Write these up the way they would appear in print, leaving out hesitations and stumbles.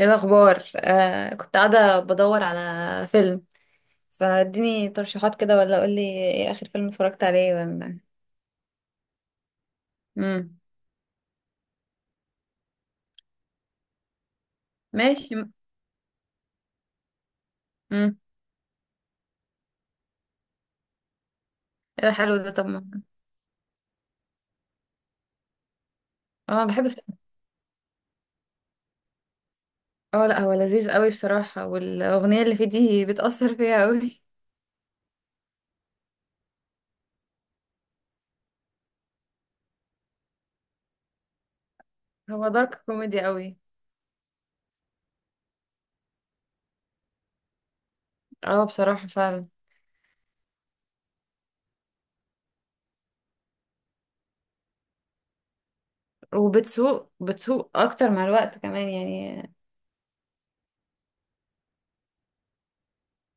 ايه الاخبار. كنت قاعده بدور على فيلم، فاديني ترشيحات كده، ولا قولي ايه اخر فيلم اتفرجت عليه، ولا... امم ماشي. امم ايه ده، حلو ده. طب اه بحب الفيلم. اه لا، هو لذيذ قوي بصراحه، والاغنيه اللي فيه دي بتاثر فيها قوي. هو دارك كوميدي قوي. اه بصراحه فعلا. وبتسوق بتسوق اكتر مع الوقت كمان يعني.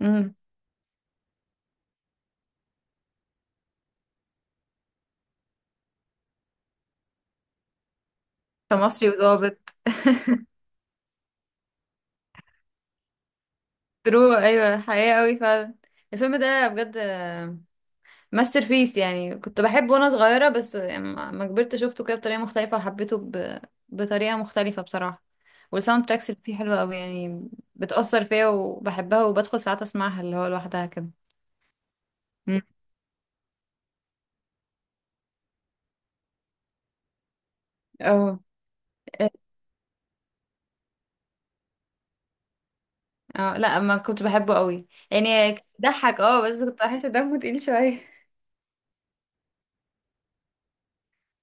امم. كمصري وظابط. ترو ايوه، حقيقة قوي فعلا. الفيلم ده بجد ماستر بيس يعني، كنت بحبه وانا صغيرة، بس لما كبرت شفته كده بطريقة مختلفة، وحبيته بطريقة مختلفة بصراحة. والساوند تراكس اللي فيه حلوة قوي يعني، بتأثر فيا وبحبها، وبدخل ساعات اسمعها اللي هو لوحدها كده. مم. اه اه لا، ما كنت بحبه قوي يعني. ضحك اه بس كنت بحس دمه تقيل شوية.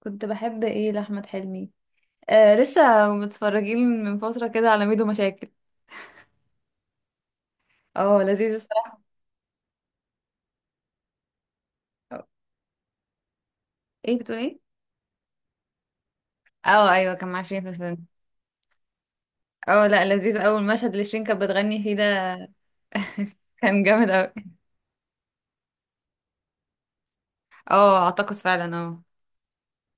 كنت بحب ايه لأحمد حلمي؟ آه لسه متفرجين من فترة كده على ميدو مشاكل. اه لذيذ الصراحة. ايه بتقول ايه؟ اه ايوه، كان مع شريف. اه لا لذيذ أوي المشهد اللي شيرين كانت بتغني فيه ده، كان جامد أوي. اه اعتقد فعلا اه.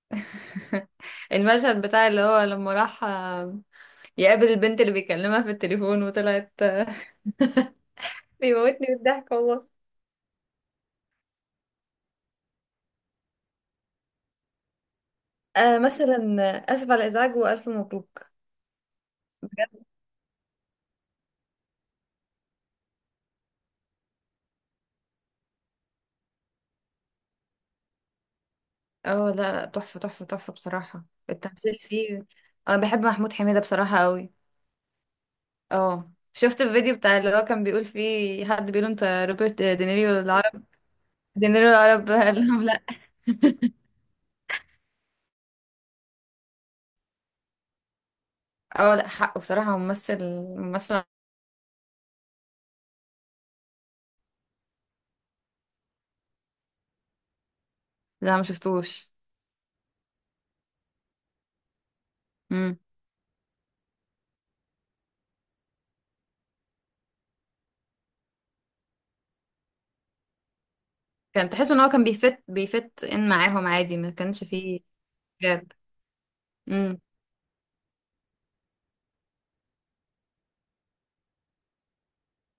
المشهد بتاع اللي هو لما راح يقابل البنت اللي بيكلمها في التليفون وطلعت بيموتني بالضحك والله. آه مثلا. اسف على الازعاج والف مبروك. بجد. اه لا لا، تحفه تحفه تحفه بصراحه التمثيل فيه. انا بحب محمود حميده بصراحه قوي. اه شفت الفيديو بتاع اللي هو كان بيقول فيه حد بيقول انت روبرت دينيريو العرب. دينيريو العرب. اه لا حق بصراحة، هو ممثل ممثل. لا ما شفتوش. امم. كان تحس ان هو كان بيفت ان معاهم عادي ما كانش فيه. جاب. امم.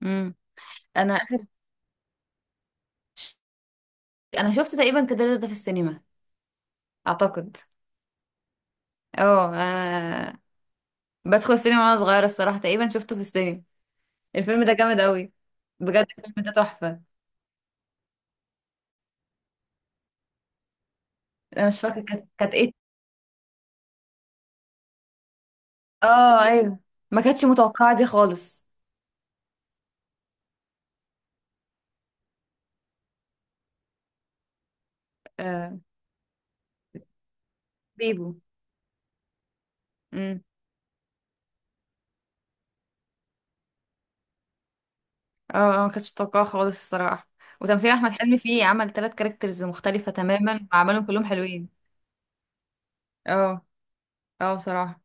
امم. انا اخر انا شفت تقريبا كده ده في السينما، اعتقد اه. آه، بدخل السينما وانا صغيرة الصراحة تقريبا شفته في السينما. الفيلم ده جامد قوي. بجد الفيلم ده تحفة. انا مش فاكرة كانت ايه. اه ايوه، ما كانتش متوقعة دي خالص. آه. بيبو. اه ما كنتش متوقعه خالص الصراحه. وتمثيل احمد حلمي فيه، عمل ثلاث كاركترز مختلفه تماما وعملهم كلهم حلوين. اه اه بصراحه.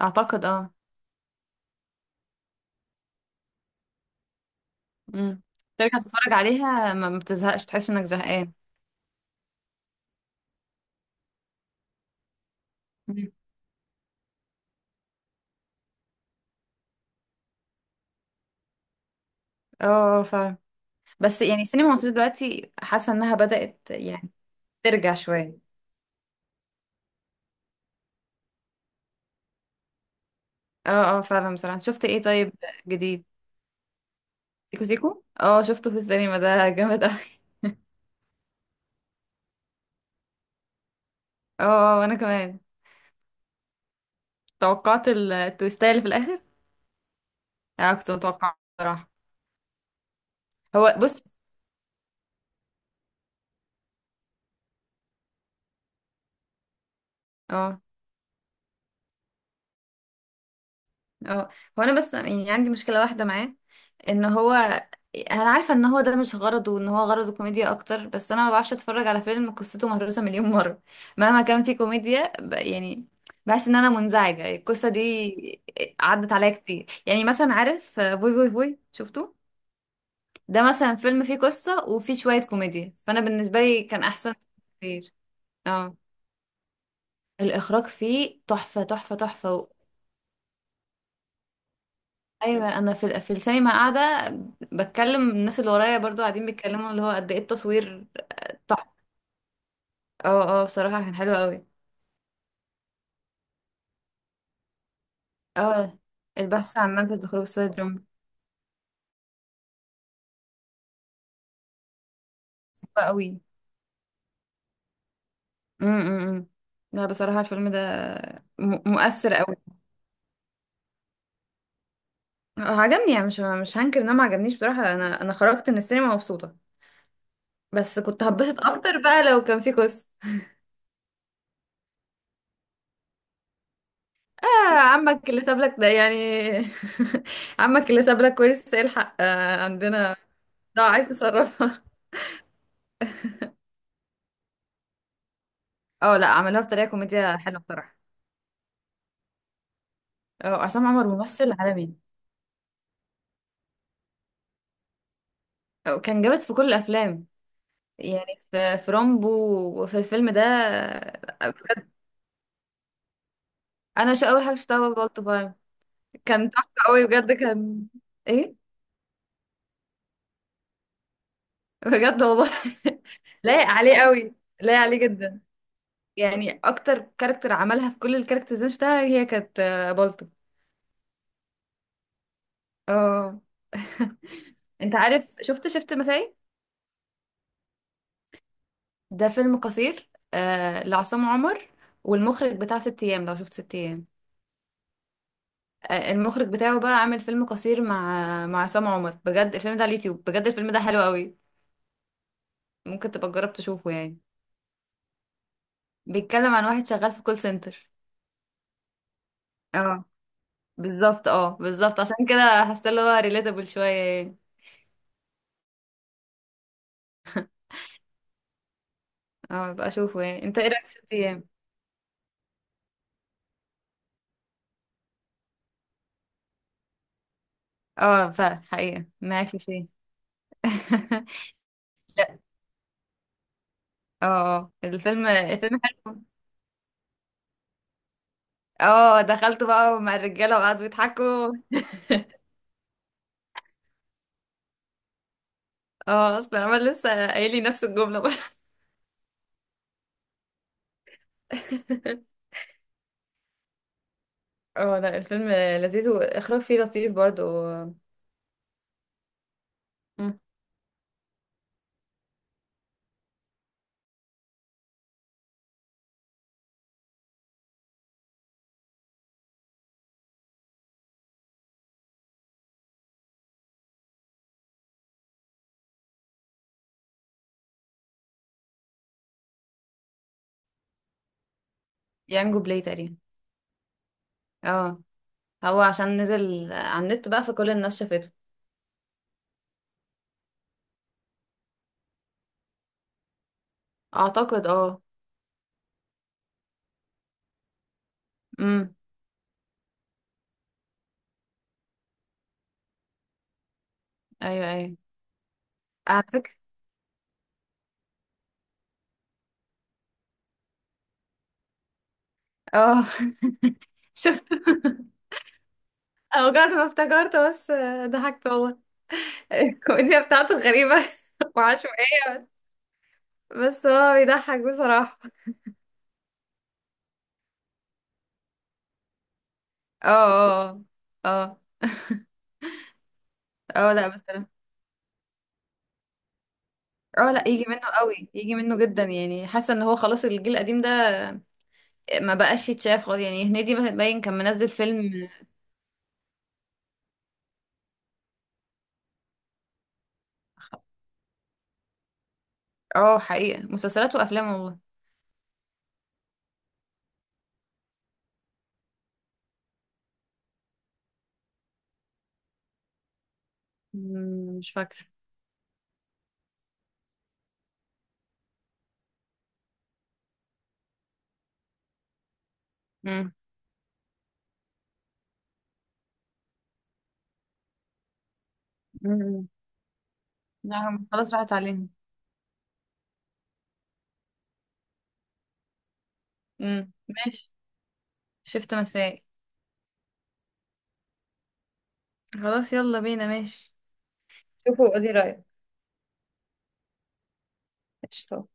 اعتقد اه. امم. ترجع تتفرج عليها ما بتزهقش، تحس انك زهقان. مم. اه فعلا. بس يعني السينما المصريه دلوقتي حاسه انها بدات يعني ترجع شويه. اه اه فعلا بصراحه، انت شفت ايه طيب؟ جديد. سيكو سيكو اه شفته في السينما، ده جامد اوي. اه آه، اه، وانا كمان. توقعت التويستاية اللي في الاخر. اه كنت متوقعه بصراحه. هو بص. اه اه هو انا بس يعني عندي مشكله واحده معاه، ان هو، انا عارفه ان هو ده مش غرضه، ان هو غرضه كوميديا اكتر، بس انا ما بعرفش اتفرج على فيلم قصته مهروسه مليون مره، مهما كان فيه كوميديا يعني بحس ان انا منزعجه القصه دي. عدت عليا كتير. يعني مثلا عارف فوي فوي فوي شفته، ده مثلا فيلم فيه قصه وفيه شويه كوميديا، فانا بالنسبه لي كان احسن كتير. اه. الاخراج فيه تحفه تحفه تحفه. ايوه، انا في في السينما قاعده بتكلم الناس اللي ورايا برضو قاعدين بيتكلموا اللي هو قد ايه التصوير. تحفه. اه اه بصراحه كان حلو قوي. اه. البحث عن منفذ لخروج السيد رامبو. حلو قوي. إمم، إمم. لا بصراحه الفيلم ده مؤثر قوي. هو عجبني يعني، مش هنكر ان انا ما عجبنيش بصراحه، انا خرجت من السينما مبسوطه. بس كنت هتبسط اكتر بقى لو كان في قصه. آه عمك اللي سابلك ده يعني. عمك اللي سابلك ورث الحق آه عندنا. ده عايز تصرف. اه لا عملوها بطريقه كوميديا حلوه بصراحه. اه عصام عمر ممثل عالمي. اه، كان جامد في كل الافلام يعني، في رامبو وفي الفيلم ده اه، بجد. انا شو اول حاجه شفتها بابا الطباع. كان تحفه قوي بجد كان. ايه بجد والله. لايق عليه قوي، لايق عليه جدا. يعني اكتر كاركتر عملها في كل الكاركترز اللي أنا شفتها هي كانت بالطو. اه. انت عارف شفت مسائي؟ ده فيلم قصير آه لعصام عمر. والمخرج بتاع ست ايام، لو شفت ست ايام، آه، المخرج بتاعه بقى عامل فيلم قصير مع عصام عمر. بجد الفيلم ده على اليوتيوب، بجد الفيلم ده حلو قوي. ممكن تبقى تجرب تشوفه يعني. بيتكلم عن واحد شغال في كول سنتر. اه بالظبط، اه بالظبط، عشان كده حاسه اللي هو ريليتابل شويه يعني. اه بقى اشوفه يعني. انت ايه رايك في ست ايام؟ اه فعلا حقيقه معاك في شيء. لا. اه آه. الفيلم حلو. اه دخلت بقى مع الرجاله وقعدوا يضحكوا. اه اصلا عمال لسه قايل لي نفس الجمله بقى. اه لا الفيلم لذيذ، واخراج فيه لطيف برضو. مم. يانجو بلاي تقريبا. اه هو عشان نزل على النت بقى فكل الناس شافته. اعتقد اه. امم. ايوه ايوه. على فكرة. اه شفته. او جد ما افتكرت بس، ضحكت والله. الكوميديا بتاعته غريبة وعشوائية. بس هو بيضحك بصراحة. اه اه اه. اه لا بس اه لا يجي منه قوي، يجي منه جدا. يعني حاسة ان هو خلاص الجيل القديم ده ما بقاش يتشاف خالص يعني، هنيدي مثلا باين كان منزل فيلم. اه حقيقة مسلسلات وافلام والله. مم، مش فاكرة. مم. مم. لا هم خلاص راحت علينا. مم. ماشي. شفت مسائي. خلاص يلا بينا ماشي. شوفوا قولي رأيك. قشطة.